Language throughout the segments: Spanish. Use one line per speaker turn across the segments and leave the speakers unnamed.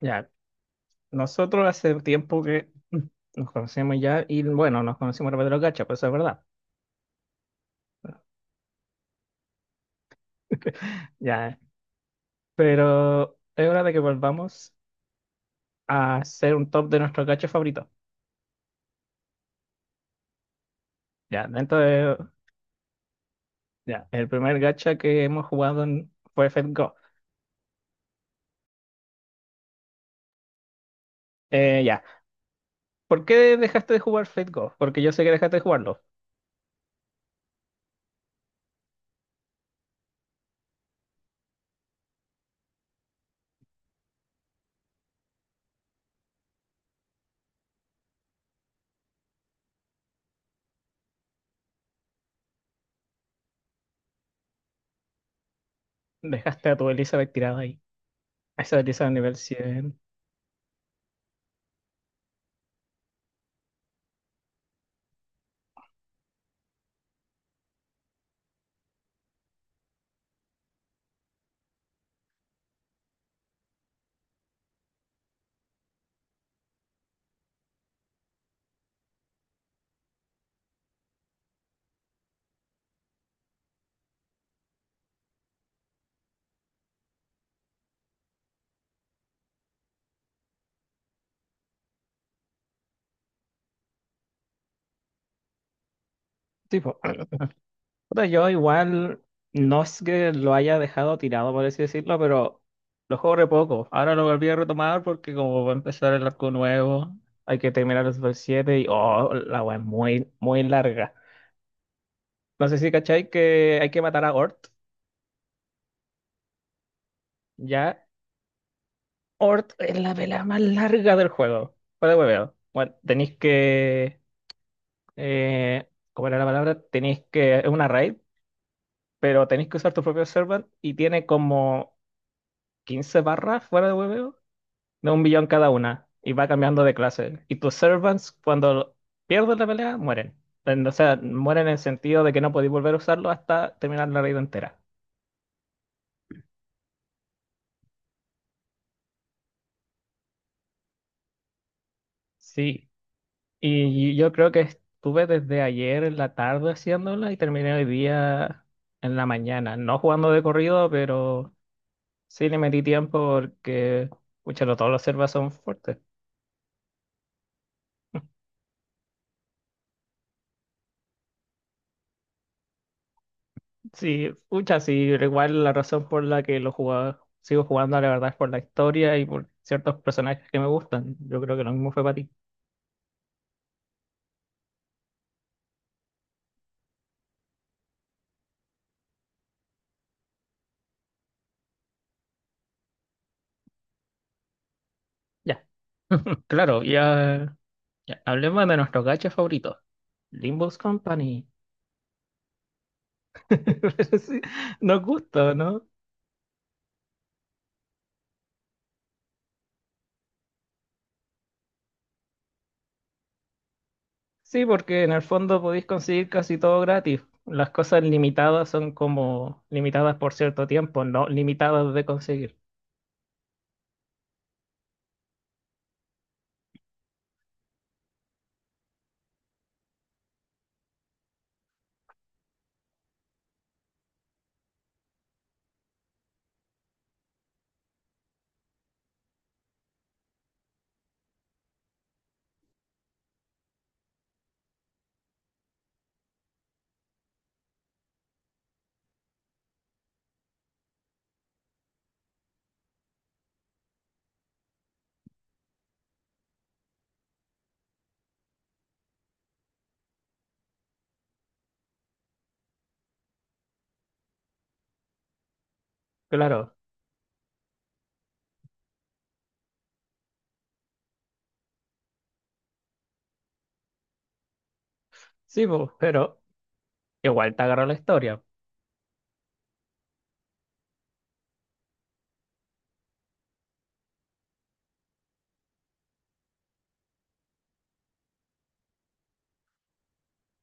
Ya, nosotros hace tiempo que nos conocemos ya y bueno, nos conocimos a través de los gachas, pues eso es verdad. Ya, pero es hora de que volvamos a hacer un top de nuestros gachas favoritos. Ya, dentro de... Ya, el primer gacha que hemos jugado fue Fate Go. Ya, ¿por qué dejaste de jugar Fate Go? Porque yo sé que dejaste de jugarlo. Dejaste a tu Elizabeth tirada ahí. A esa Elizabeth nivel 100. Tipo. Puta, yo igual no es que lo haya dejado tirado, por así decirlo, pero lo juego re poco. Ahora lo volví a retomar porque como va a empezar el arco nuevo, hay que terminar los Super 7 y oh, la wea es muy, muy larga. No sé si cachai que hay que matar a Ort. Ya, Ort es la pelea más larga del juego. Para de hueveo. Bueno, tenéis que... Eh, ¿cómo era la palabra? Tenéis que... Es una raid, pero tenéis que usar tu propio servant y tiene como... 15 barras fuera de hueveo de un billón cada una y va cambiando de clase. Y tus servants, cuando pierden la pelea, mueren. O sea, mueren en el sentido de que no podéis volver a usarlo hasta terminar la raid entera. Sí, y yo creo que estuve desde ayer en la tarde haciéndola y terminé hoy día en la mañana. No jugando de corrido, pero sí le metí tiempo porque, escúchalo, todos los servas son fuertes. Sí, muchas, sí, pero igual la razón por la que lo jugaba, sigo jugando, la verdad, es por la historia y por ciertos personajes que me gustan. Yo creo que lo mismo fue para ti. Ya. Claro, ya, ya. Hablemos de nuestro gacha favorito, Limbus Company. Sí, nos gusta, ¿no? Sí, porque en el fondo podéis conseguir casi todo gratis. Las cosas limitadas son como limitadas por cierto tiempo, no limitadas de conseguir. Claro, sí, po, pero igual te agarra la historia.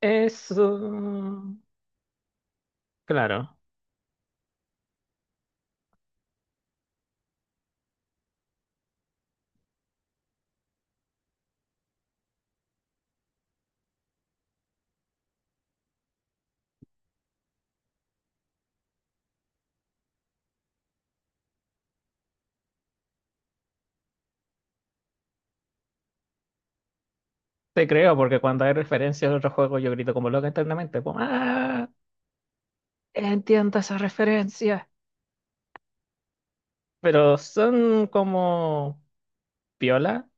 Eso. Claro, te creo, porque cuando hay referencias de otros juegos yo grito como loca internamente, como, ¡ah! Entiendo esas referencias. Pero son como piola.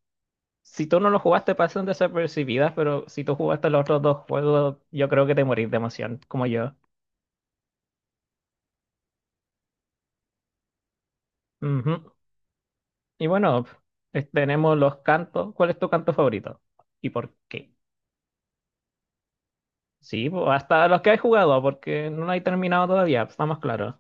Si tú no lo jugaste, pasan desapercibidas, pero si tú jugaste los otros dos juegos, yo creo que te morís de emoción, como yo. Ujú. Y bueno, tenemos los cantos. ¿Cuál es tu canto favorito? ¿Y por qué? Sí, pues, hasta los que has jugado, porque no lo he terminado todavía, estamos claros.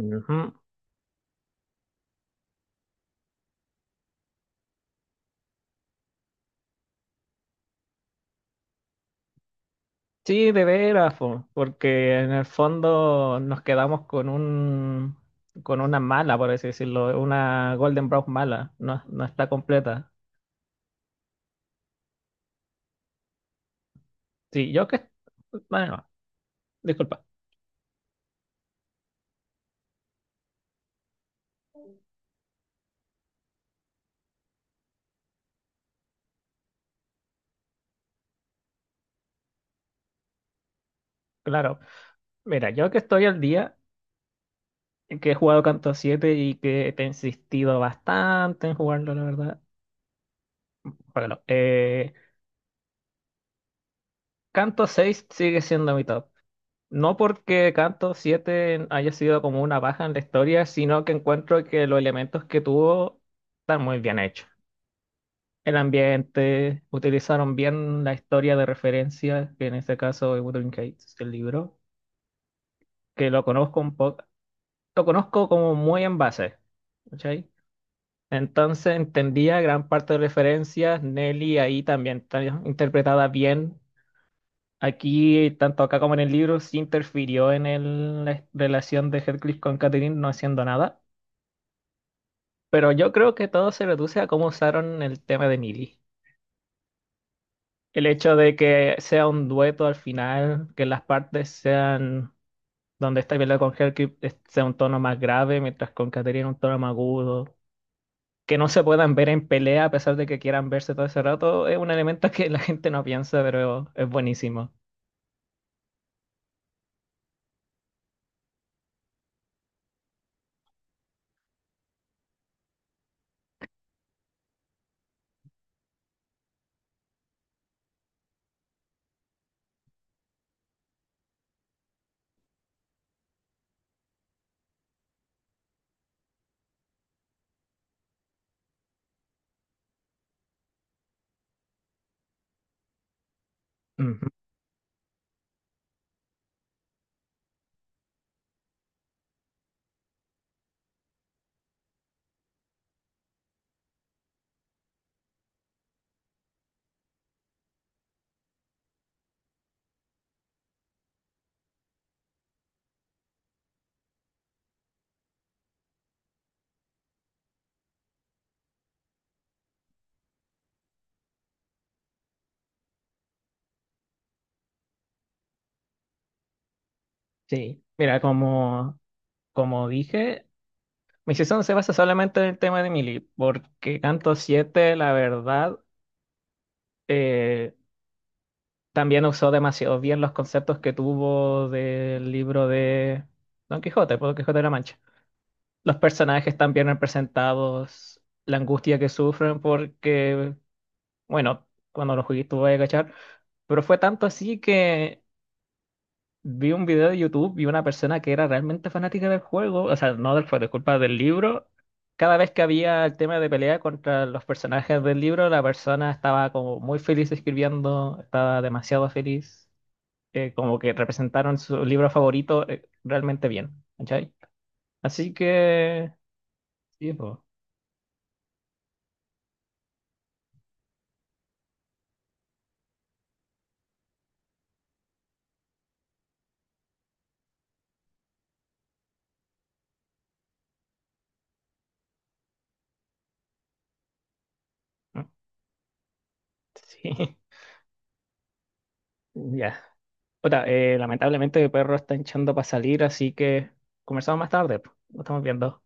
Ujú. Sí, de veras, po, porque en el fondo nos quedamos con una mala, por así decirlo, una Golden Brown mala, no, no está completa. Sí, yo que bueno, disculpa, claro. Mira, yo que estoy al día, que he jugado Canto siete y que te he insistido bastante en jugarlo, la verdad. Bueno, Canto seis sigue siendo mi top. No porque Canto siete haya sido como una baja en la historia, sino que encuentro que los elementos que tuvo están muy bien hechos. El ambiente, utilizaron bien la historia de referencia, que en este caso es Wuthering Heights, el libro, que lo conozco un poco, lo conozco como muy en base, ¿cachai? Entonces entendía gran parte de referencias, Nelly ahí también está interpretada bien, aquí, tanto acá como en el libro, sí interfirió en la relación de Heathcliff con Catherine no haciendo nada, pero yo creo que todo se reduce a cómo usaron el tema de Millie. El hecho de que sea un dueto al final, que las partes sean donde está peleando con Heathcliff sea un tono más grave, mientras con Catherine un tono más agudo, que no se puedan ver en pelea a pesar de que quieran verse todo ese rato, es un elemento que la gente no piensa, pero es buenísimo. Ujú. Sí, mira, como dije. Mi season se basa solamente en el tema de Millie, porque Canto siete, la verdad, eh, también usó demasiado bien los conceptos que tuvo del libro de Don Quijote, por Don Quijote de la Mancha. Los personajes están bien representados, la angustia que sufren, porque, bueno, cuando lo jugué tuve que cachar, pero fue tanto así que vi un video de YouTube y una persona que era realmente fanática del juego, o sea, no del juego, disculpa, del libro. Cada vez que había el tema de pelea contra los personajes del libro, la persona estaba como muy feliz escribiendo, estaba demasiado feliz, como que representaron su libro favorito, realmente bien, ¿cachai? Así que, sí, po. ¿No? Sí, ya. Puta, lamentablemente el perro está hinchando para salir, así que conversamos más tarde, po. Lo estamos viendo.